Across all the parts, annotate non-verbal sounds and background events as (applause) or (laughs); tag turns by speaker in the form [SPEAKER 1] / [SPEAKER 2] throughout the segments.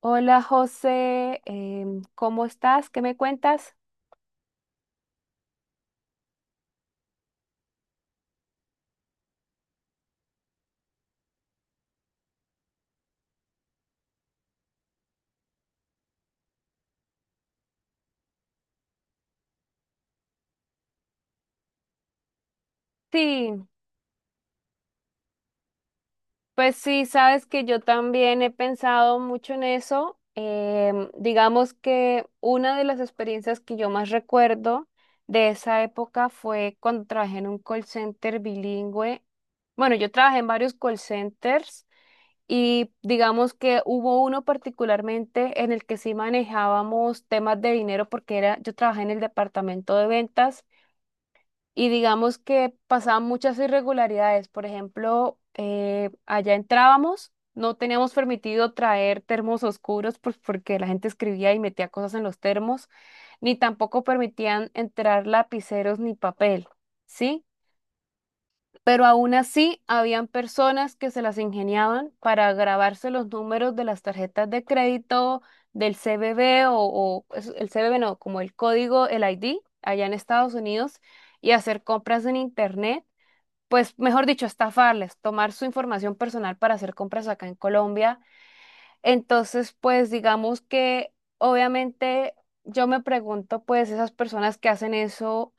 [SPEAKER 1] Hola José, ¿cómo estás? ¿Qué me cuentas? Sí, pues sí, sabes que yo también he pensado mucho en eso. Digamos que una de las experiencias que yo más recuerdo de esa época fue cuando trabajé en un call center bilingüe. Bueno, yo trabajé en varios call centers y digamos que hubo uno particularmente en el que sí manejábamos temas de dinero porque era, yo trabajé en el departamento de ventas. Y digamos que pasaban muchas irregularidades. Por ejemplo, allá entrábamos, no teníamos permitido traer termos oscuros pues, porque la gente escribía y metía cosas en los termos, ni tampoco permitían entrar lapiceros ni papel, ¿sí? Pero aún así, habían personas que se las ingeniaban para grabarse los números de las tarjetas de crédito del CBB o el CBB no, como el código, el ID, allá en Estados Unidos, y hacer compras en Internet. Pues, mejor dicho, estafarles, tomar su información personal para hacer compras acá en Colombia. Entonces, pues digamos que obviamente yo me pregunto, pues esas personas que hacen eso,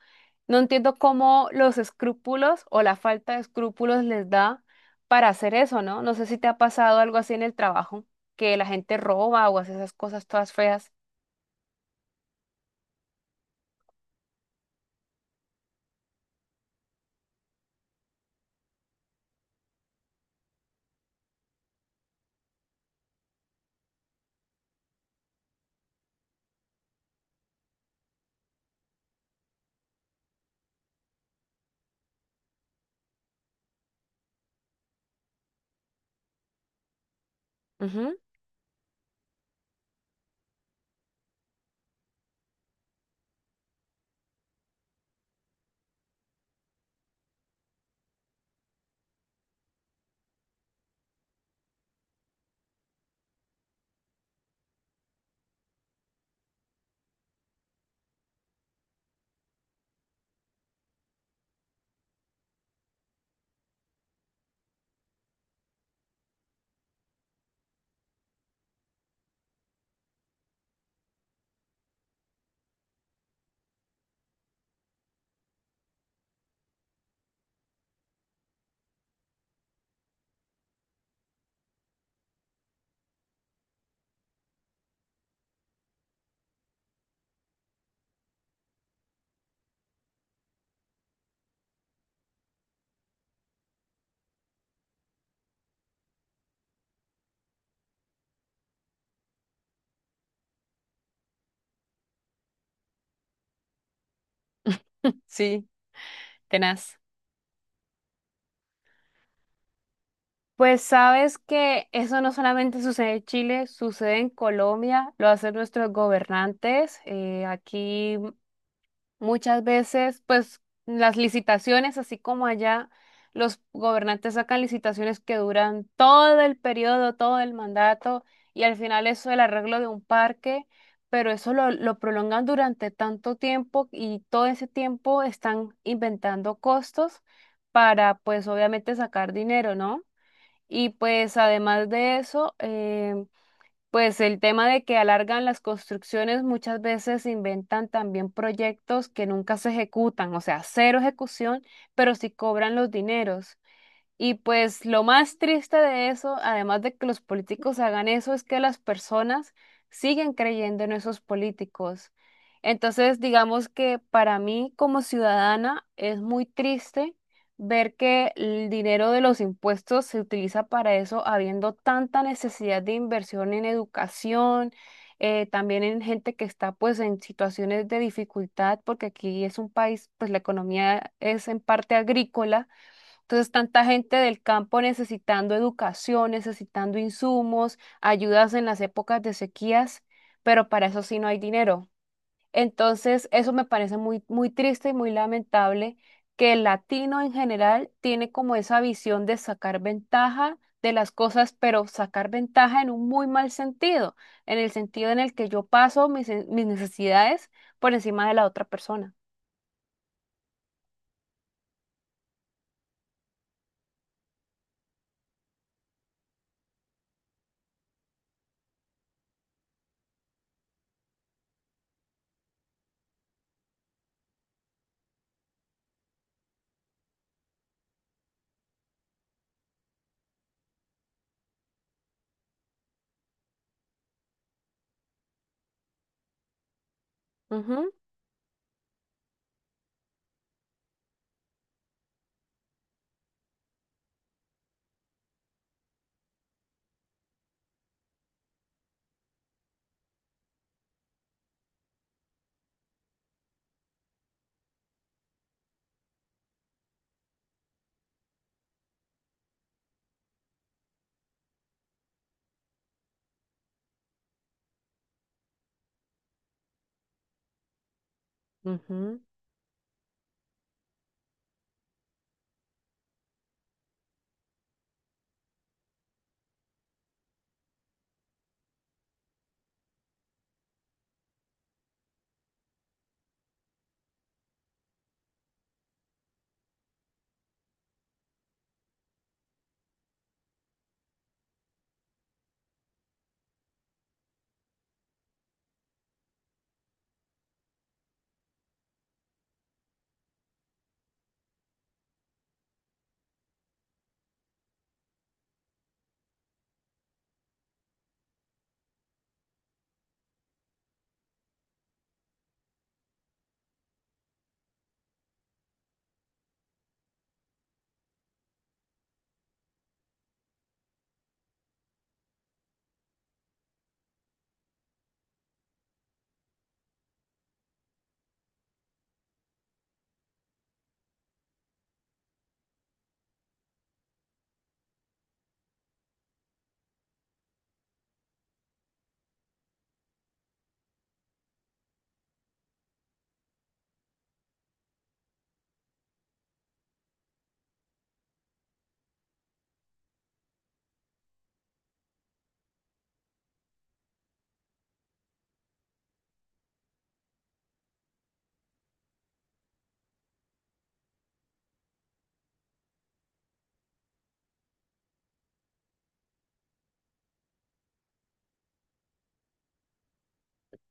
[SPEAKER 1] no entiendo cómo los escrúpulos o la falta de escrúpulos les da para hacer eso, ¿no? No sé si te ha pasado algo así en el trabajo, que la gente roba o hace esas cosas todas feas. Ujú. Sí, tenaz. Pues sabes que eso no solamente sucede en Chile, sucede en Colombia, lo hacen nuestros gobernantes. Aquí muchas veces, pues las licitaciones, así como allá, los gobernantes sacan licitaciones que duran todo el periodo, todo el mandato, y al final eso el arreglo de un parque, pero eso lo prolongan durante tanto tiempo y todo ese tiempo están inventando costos para, pues obviamente, sacar dinero, ¿no? Y pues además de eso, pues el tema de que alargan las construcciones, muchas veces inventan también proyectos que nunca se ejecutan, o sea, cero ejecución, pero sí cobran los dineros. Y pues lo más triste de eso, además de que los políticos hagan eso, es que las personas siguen creyendo en esos políticos. Entonces, digamos que para mí como ciudadana es muy triste ver que el dinero de los impuestos se utiliza para eso, habiendo tanta necesidad de inversión en educación, también en gente que está pues en situaciones de dificultad, porque aquí es un país, pues la economía es en parte agrícola. Entonces, tanta gente del campo necesitando educación, necesitando insumos, ayudas en las épocas de sequías, pero para eso sí no hay dinero. Entonces, eso me parece muy, muy triste y muy lamentable que el latino en general tiene como esa visión de sacar ventaja de las cosas, pero sacar ventaja en un muy mal sentido en el que yo paso mis necesidades por encima de la otra persona. Ujú, ujú.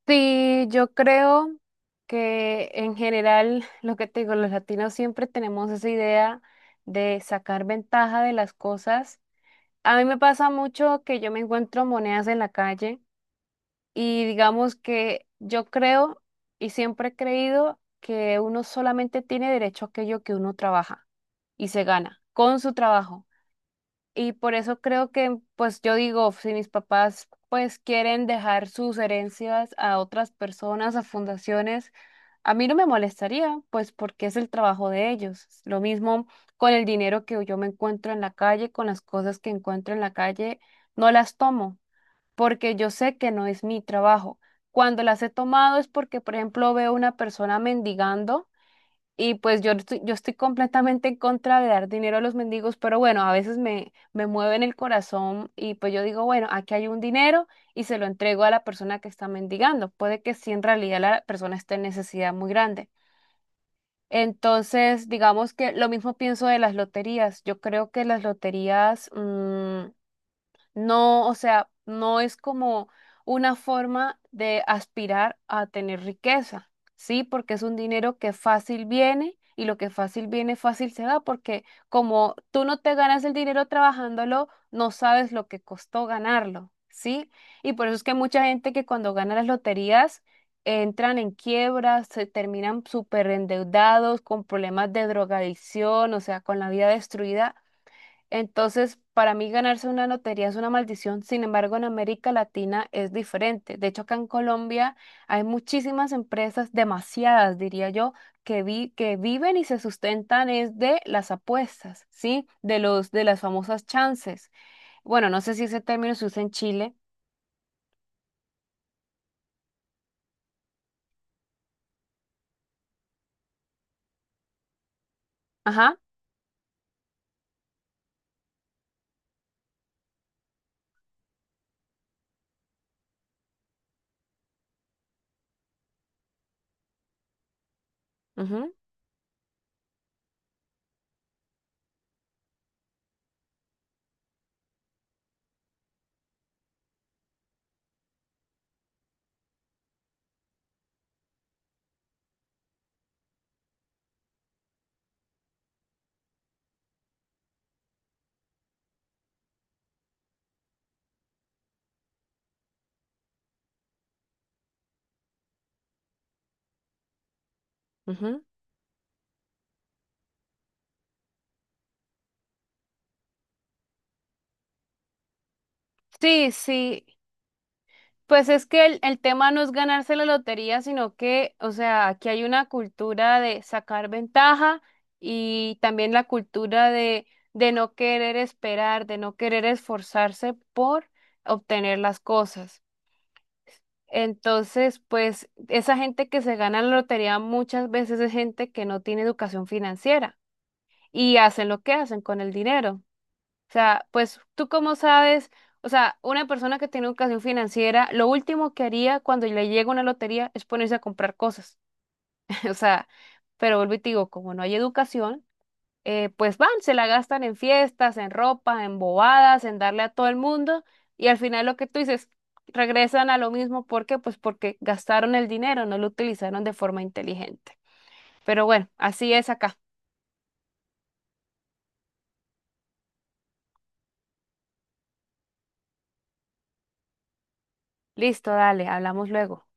[SPEAKER 1] Sí, yo creo que en general, lo que te digo, los latinos siempre tenemos esa idea de sacar ventaja de las cosas. A mí me pasa mucho que yo me encuentro monedas en la calle y digamos que yo creo y siempre he creído que uno solamente tiene derecho a aquello que uno trabaja y se gana con su trabajo. Y por eso creo que, pues yo digo, si mis papás pues quieren dejar sus herencias a otras personas, a fundaciones, a mí no me molestaría, pues porque es el trabajo de ellos. Lo mismo con el dinero que yo me encuentro en la calle, con las cosas que encuentro en la calle, no las tomo porque yo sé que no es mi trabajo. Cuando las he tomado es porque, por ejemplo, veo una persona mendigando. Y pues yo estoy completamente en contra de dar dinero a los mendigos, pero bueno, a veces me mueven el corazón y pues yo digo, bueno, aquí hay un dinero y se lo entrego a la persona que está mendigando. Puede que sí, en realidad la persona esté en necesidad muy grande. Entonces, digamos que lo mismo pienso de las loterías. Yo creo que las loterías, mm, no, o sea, no es como una forma de aspirar a tener riqueza, ¿sí? Porque es un dinero que fácil viene y lo que fácil viene, fácil se da, porque como tú no te ganas el dinero trabajándolo, no sabes lo que costó ganarlo, ¿sí? Y por eso es que mucha gente que cuando gana las loterías entran en quiebras, se terminan súper endeudados, con problemas de drogadicción, o sea, con la vida destruida. Entonces, para mí ganarse una lotería es una maldición, sin embargo, en América Latina es diferente. De hecho, acá en Colombia hay muchísimas empresas, demasiadas, diría yo, que viven y se sustentan es de las apuestas, ¿sí? De las famosas chances. Bueno, no sé si ese término se usa en Chile. Ajá. Ujú, ujú. Sí, sí. Pues es que el tema no es ganarse la lotería, sino que, o sea, aquí hay una cultura de sacar ventaja y también la cultura de no querer esperar, de no querer esforzarse por obtener las cosas. Entonces, pues esa gente que se gana la lotería muchas veces es gente que no tiene educación financiera y hacen lo que hacen con el dinero. O sea, pues tú cómo sabes, o sea, una persona que tiene educación financiera, lo último que haría cuando le llega una lotería es ponerse a comprar cosas. (laughs) O sea, pero vuelvo y te digo, como no hay educación, pues van, se la gastan en fiestas, en ropa, en bobadas, en darle a todo el mundo y al final lo que tú dices, regresan a lo mismo. ¿Por qué? Pues porque gastaron el dinero, no lo utilizaron de forma inteligente. Pero bueno, así es acá. Listo, dale, hablamos luego.